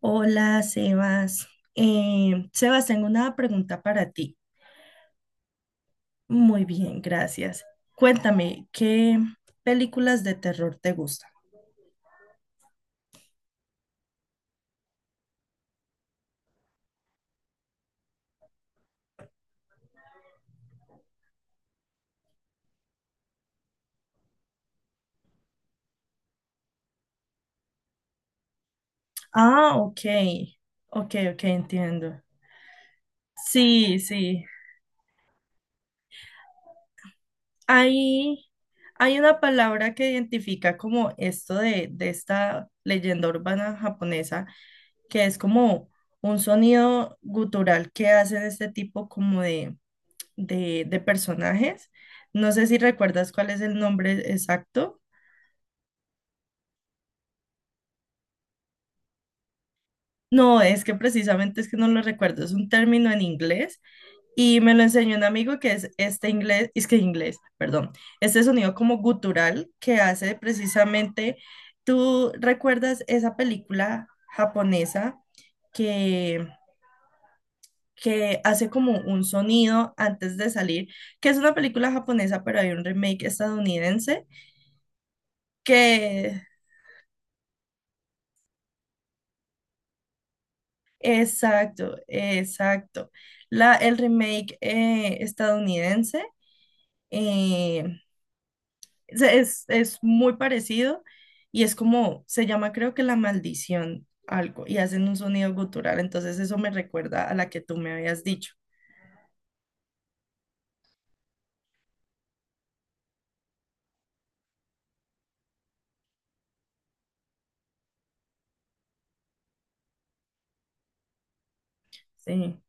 Hola, Sebas. Sebas, tengo una pregunta para ti. Muy bien, gracias. Cuéntame, ¿qué películas de terror te gustan? Ah, ok, ok, ok, entiendo. Sí, sí. Hay, hay una palabra que identifica como esto de esta leyenda urbana japonesa, que es como un sonido gutural que hacen este tipo como de de personajes. No sé si recuerdas cuál es el nombre exacto. No, es que precisamente es que no lo recuerdo. Es un término en inglés y me lo enseñó un amigo que es este inglés, es que inglés, perdón, este sonido como gutural que hace precisamente, ¿tú recuerdas esa película japonesa que, que hace como un sonido antes de salir? Que es una película japonesa, pero hay un remake estadounidense que... Exacto, exacto. La, el remake estadounidense eh, es muy parecido y es como, se llama creo que La Maldición, algo, y hacen un sonido gutural, entonces eso me recuerda a la que tú me habías dicho. Sí.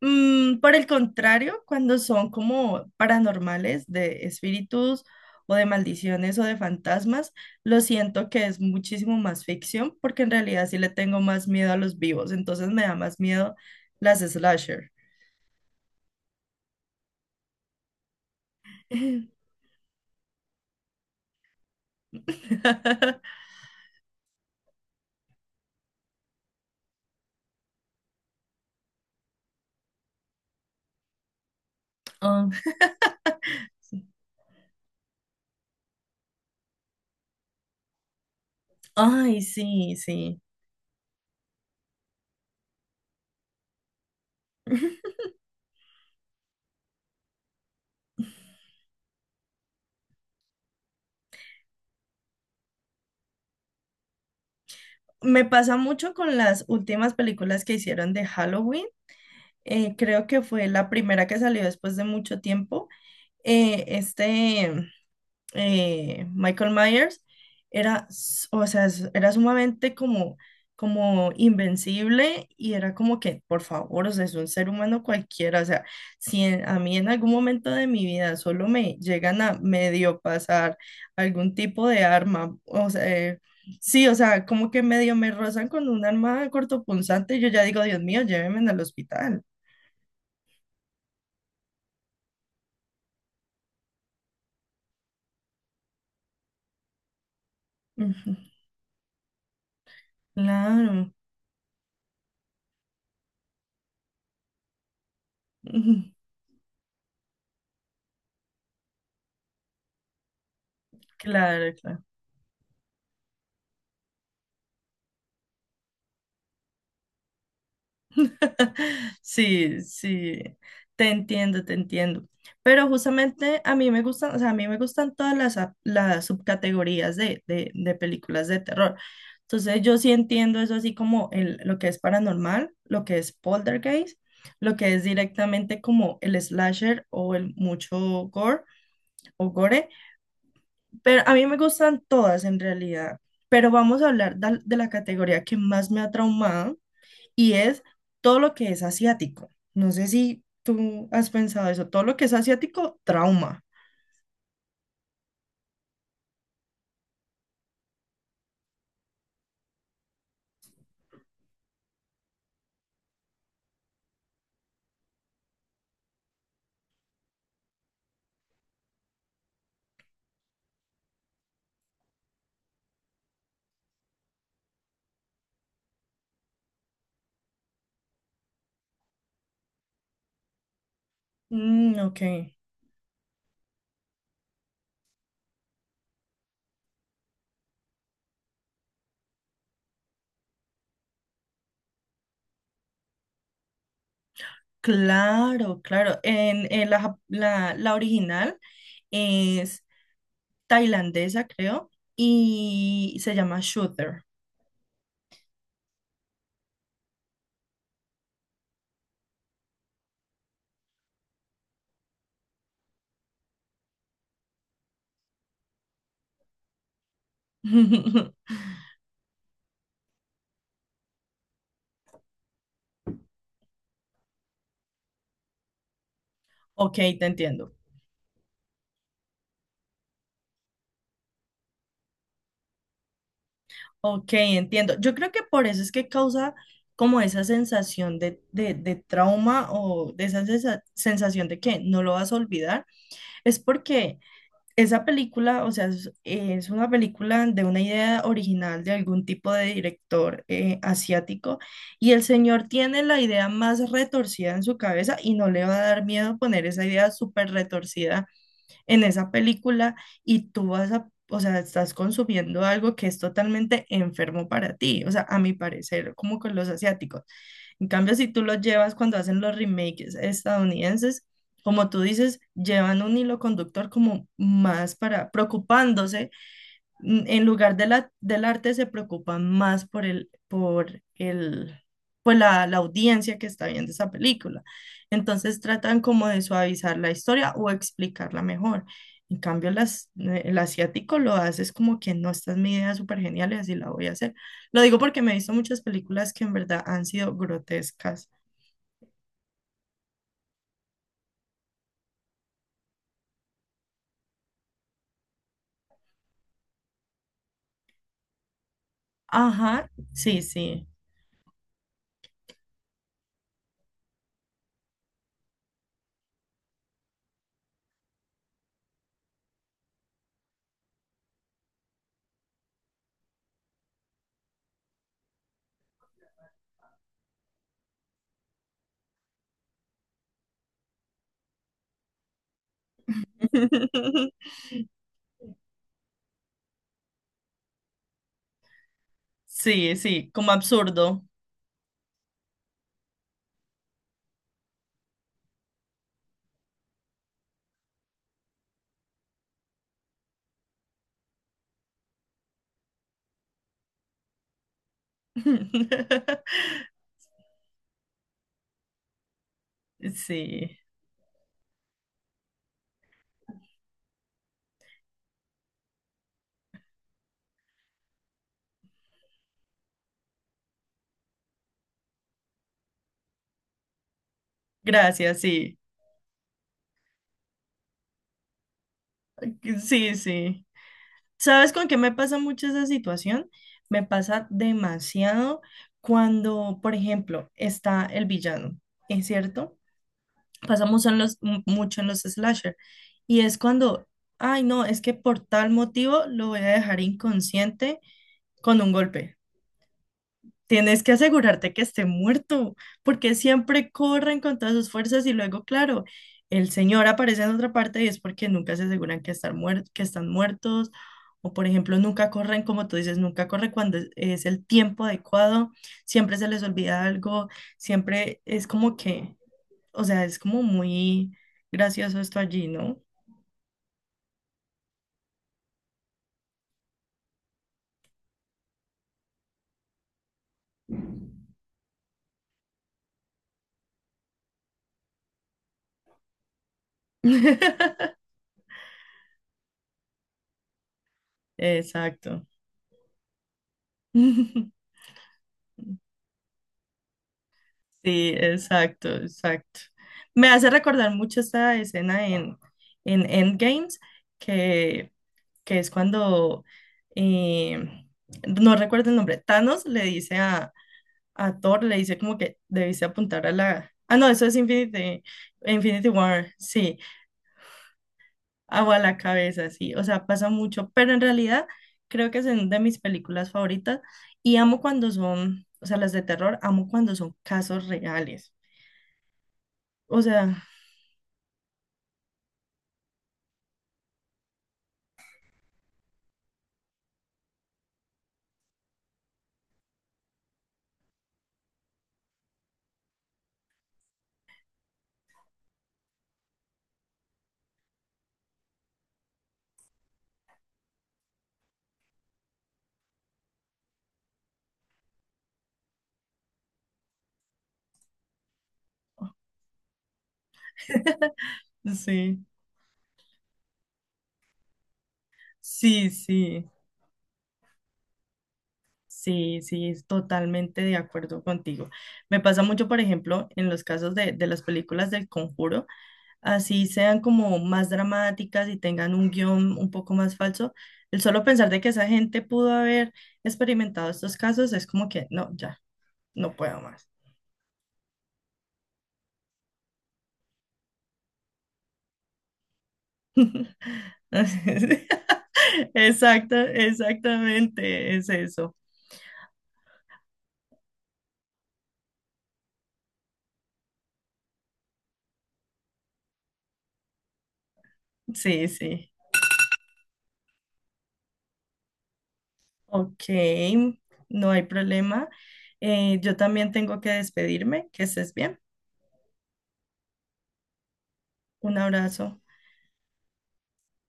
Por el contrario, cuando son como paranormales de espíritus o de maldiciones o de fantasmas, lo siento que es muchísimo más ficción porque en realidad sí le tengo más miedo a los vivos, entonces me da más miedo las slasher. Oh, ay, sí, sí. Me pasa mucho con las últimas películas que hicieron de Halloween. Creo que fue la primera que salió después de mucho tiempo. Eh, este, Michael Myers era, o sea, era sumamente como, como invencible y era como que, por favor, o sea, es un ser humano cualquiera, o sea, si a mí en algún momento de mi vida solo me llegan a medio pasar algún tipo de arma, o sea, sí, o sea, como que medio me rozan con un arma cortopunzante, yo ya digo, Dios mío, llévenme al hospital. Ujú, claro, ujú, claro, claro. Sí, sí, te entiendo, te entiendo. Pero justamente a mí me gustan, o sea, a mí me gustan todas las, las subcategorías de películas de terror. Entonces yo sí entiendo eso así como el, lo que es paranormal, lo que es poltergeist, lo que es directamente como el slasher o el mucho gore o gore. Pero a mí me gustan todas en realidad. Pero vamos a hablar de la categoría que más me ha traumado y es todo lo que es asiático. No sé si tú has pensado eso, todo lo que es asiático, trauma. Mm, ok. Claro, claro. En la, la, la original es tailandesa, creo, y se llama Shooter. Ok, te entiendo. Ok, entiendo. Yo creo que por eso es que causa como esa sensación de trauma o de esa sensación de que no lo vas a olvidar. Es porque esa película, o sea, es una película de una idea original de algún tipo de director asiático y el señor tiene la idea más retorcida en su cabeza y no le va a dar miedo poner esa idea súper retorcida en esa película y tú vas a, o sea, estás consumiendo algo que es totalmente enfermo para ti, o sea, a mi parecer, como con los asiáticos. En cambio, si tú los llevas cuando hacen los remakes estadounidenses, como tú dices, llevan un hilo conductor como más para preocupándose en lugar de la, del arte se preocupan más por el, pues la audiencia que está viendo esa película. Entonces tratan como de suavizar la historia o explicarla mejor. En cambio, las, el asiático lo hace es como que no, esta es mi idea súper genial y así la voy a hacer. Lo digo porque me he visto muchas películas que en verdad han sido grotescas. Ajá, sí, sí. Sí, sí, como absurdo. Sí, gracias, sí. Sí, sí. ¿Sabes con qué me pasa mucho esa situación? Me pasa demasiado cuando, por ejemplo, está el villano, ¿es cierto? Pasamos en los, mucho en los slasher y es cuando, ay, no, es que por tal motivo lo voy a dejar inconsciente con un golpe. Tienes que asegurarte que esté muerto, porque siempre corren con todas sus fuerzas y luego, claro, el señor aparece en otra parte y es porque nunca se aseguran que, estar que están muertos, o por ejemplo, nunca corren, como tú dices, nunca corre cuando es el tiempo adecuado, siempre se les olvida algo, siempre es como que, o sea, es como muy gracioso esto allí, ¿no? Exacto. Sí, exacto, exacto. Me hace recordar mucho esta escena en Endgames, que, que es cuando, eh, no recuerdo el nombre, Thanos le dice a Thor, le dice como que debiste apuntar a la... Ah, no, eso es Infinity, Infinity War, sí, agua a la cabeza, sí, o sea, pasa mucho, pero en realidad creo que es una de mis películas favoritas y amo cuando son, o sea, las de terror, amo cuando son casos reales. O sea, sí, sí, sí, sí, sí, es totalmente de acuerdo contigo. Me pasa mucho, por ejemplo, en los casos de las películas del Conjuro, así sean como más dramáticas y tengan un guión un poco más falso, el solo pensar de que esa gente pudo haber experimentado estos casos es como que, no, ya, no puedo más. Exacto, exactamente, es eso. Sí, sí. Ok, no hay problema. Yo también tengo que despedirme. Que estés bien. Un abrazo.